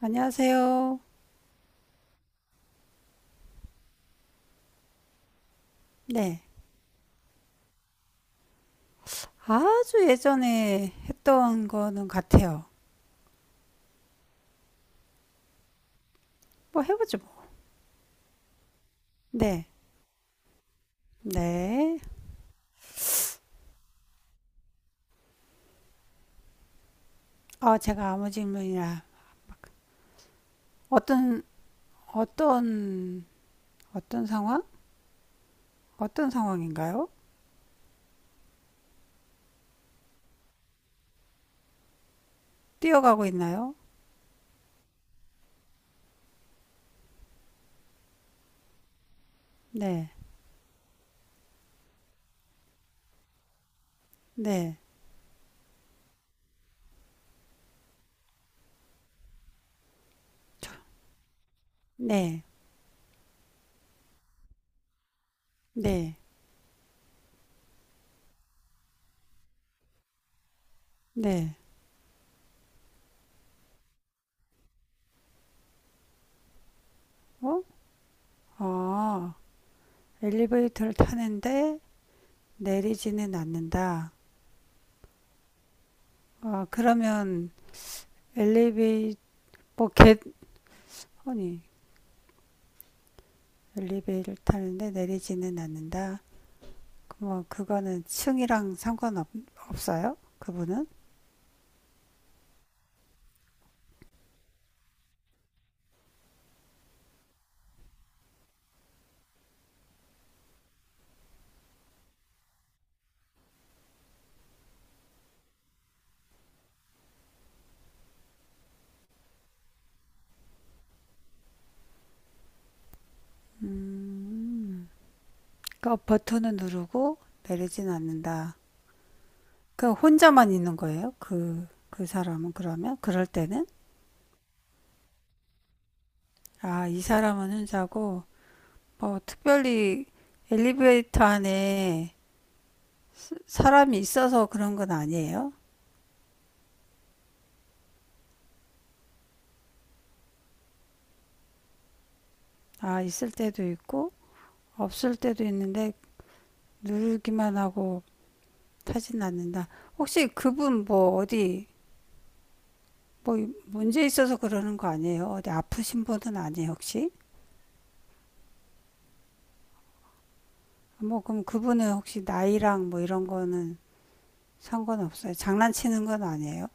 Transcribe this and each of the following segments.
안녕하세요. 네. 아주 예전에 했던 거는 같아요. 뭐 해보죠, 뭐. 네. 네. 아, 제가 아무 질문이나 어떤, 어떤, 어떤 상황? 어떤 상황인가요? 뛰어가고 있나요? 네. 네. 네. 네. 네. 어? 아, 엘리베이터를 타는데 내리지는 않는다. 아, 그러면 엘리베이, 뭐, 개, 아니, 엘리베이터를 타는데 내리지는 않는다. 그뭐 그거는 층이랑 상관없 없어요? 그분은? 음. 그러니까 버튼은 누르고 내리지는 않는다. 그 혼자만 있는 거예요? 그 사람은 그러면? 그럴 때는? 아, 이 사람은 혼자고, 뭐, 특별히 엘리베이터 안에 사람이 있어서 그런 건 아니에요? 아, 있을 때도 있고, 없을 때도 있는데, 누르기만 하고 타진 않는다. 혹시 그분 뭐 어디 뭐 문제 있어서 그러는 거 아니에요? 어디 아프신 분은 아니에요, 혹시? 뭐 그럼 그분은 혹시 나이랑 뭐 이런 거는 상관없어요. 장난치는 건 아니에요?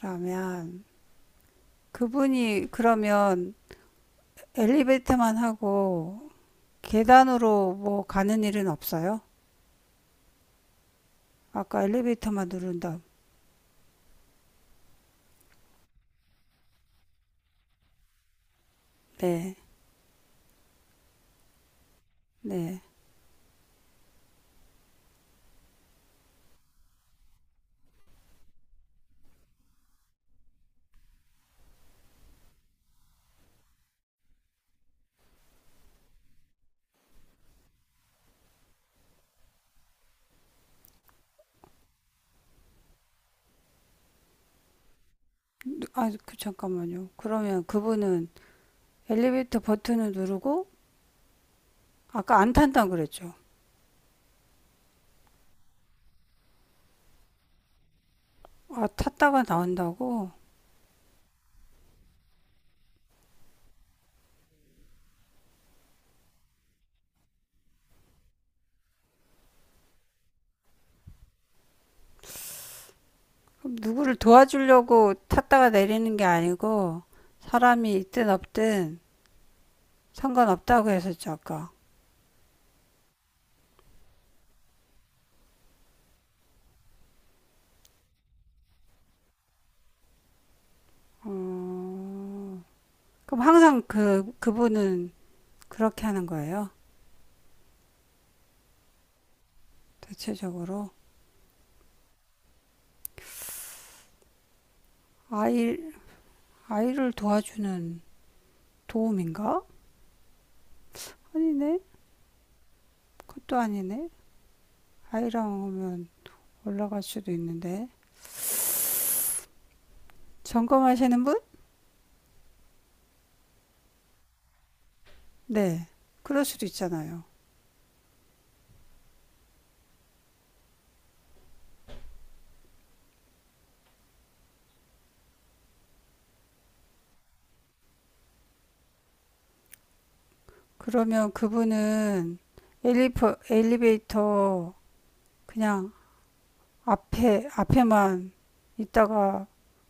그러면 그분이 그러면 엘리베이터만 하고 계단으로 뭐 가는 일은 없어요? 아까 엘리베이터만 누른다. 네. 네. 아, 그 잠깐만요. 그러면 그분은 엘리베이터 버튼을 누르고 아까 안 탄다 그랬죠? 아, 탔다가 나온다고? 누구를 도와주려고 탔다가 내리는 게 아니고 사람이 있든 없든 상관없다고 했었죠, 아까. 그럼 항상 그분은 그렇게 하는 거예요? 대체적으로. 아이, 아이를 도와주는 도움인가? 아니네. 그것도 아니네. 아이랑 오면 올라갈 수도 있는데. 점검하시는 분? 네. 그럴 수도 있잖아요. 그러면 그분은 엘리베, 엘리베이터 그냥 앞에만 있다가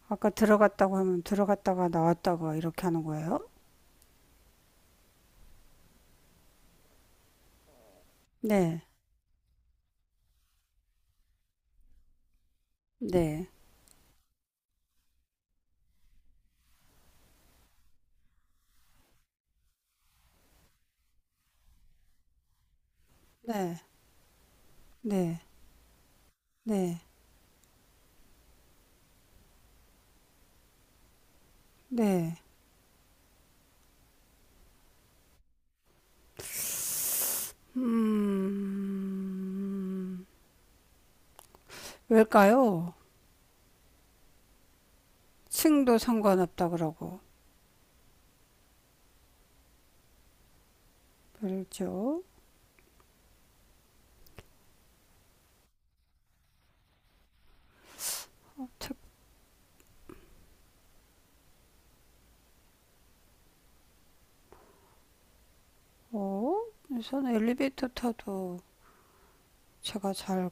아까 들어갔다고 하면 들어갔다가 나왔다가 이렇게 하는 거예요? 네, 네, 네, 네, 네, 네. 음, 왜일까요? 층도 상관없다 그러고. 그렇죠. 어? 우선 엘리베이터 타도 제가 잘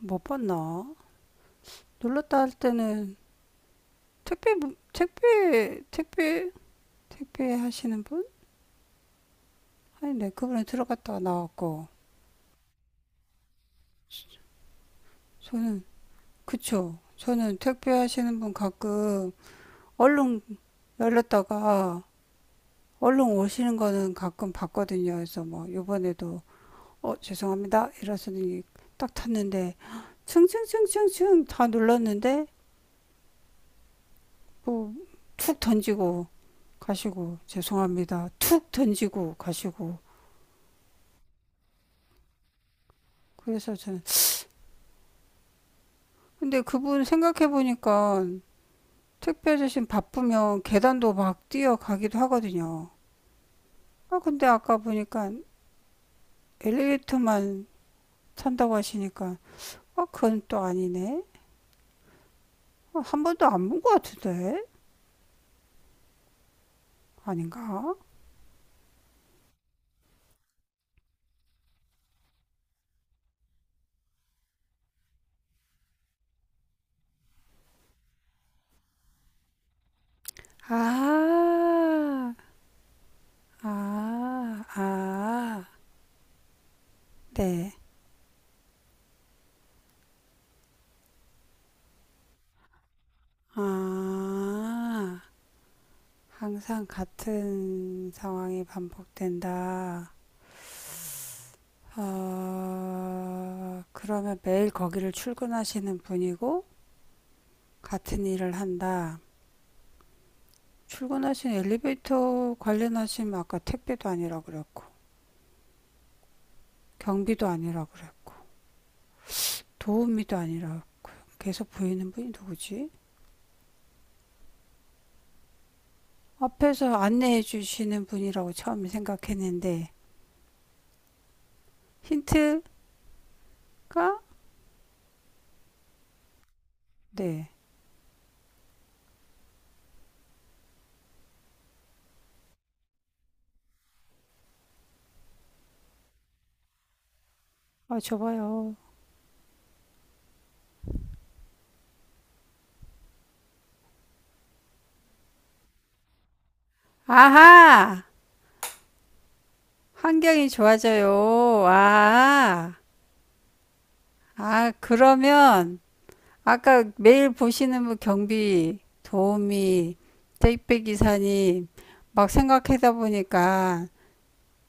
못 봤나? 눌렀다 할 때는 택배, 택배, 택배, 택배 하시는 분? 아니, 근데 그 분은 들어갔다가 나왔고. 저는, 그쵸. 저는 택배 하시는 분 가끔 얼른 열렸다가 얼른 오시는 거는 가끔 봤거든요. 그래서 뭐, 요번에도, 어, 죄송합니다. 이러서는 딱 탔는데, 층층층층층 다 눌렀는데, 뭐, 툭 던지고 가시고, 죄송합니다. 툭 던지고 가시고. 그래서 저는, 근데 그분 생각해보니까 택배 주신 바쁘면 계단도 막 뛰어가기도 하거든요. 아, 근데 아까 보니까 엘리베이터만 탄다고 하시니까, 아, 그건 또 아니네. 아, 한 번도 안 본 것 같은데? 아닌가? 아, 아, 아, 네. 아, 항상 같은 상황이 반복된다. 아, 그러면 매일 거기를 출근하시는 분이고, 같은 일을 한다. 출근하신 엘리베이터 관련하시면 아까 택배도 아니라 그랬고, 경비도 아니라 그랬고, 도우미도 아니라 고 계속 보이는 분이 누구지? 앞에서 안내해 주시는 분이라고 처음에 생각했는데, 힌트가? 네. 아, 저봐요 아하! 환경이 좋아져요. 아, 아, 그러면 아까 매일 보시는 뭐 경비, 도우미, 택배 기사님 막 생각하다 보니까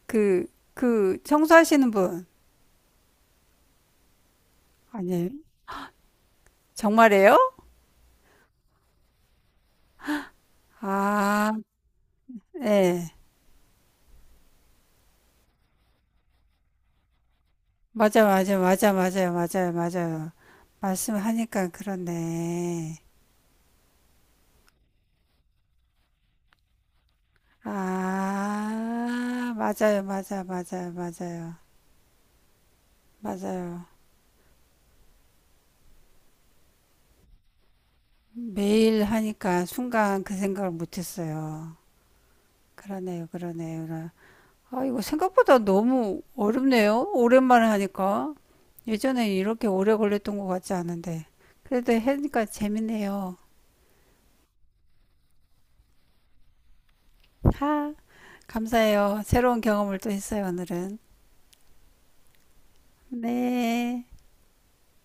그, 그 청소하시는 분 아니에요? 정말이에요? 아, 네. 맞아, 맞아요, 맞아요, 맞아요. 말씀하니까 그렇네. 아, 맞아요, 맞아요, 맞아요. 매일 하니까 순간 그 생각을 못했어요. 그러네요, 그러네요. 아, 이거 생각보다 너무 어렵네요. 오랜만에 하니까. 예전에 이렇게 오래 걸렸던 것 같지 않은데. 그래도 하니까 재밌네요. 하, 감사해요. 새로운 경험을 또 했어요, 오늘은. 네.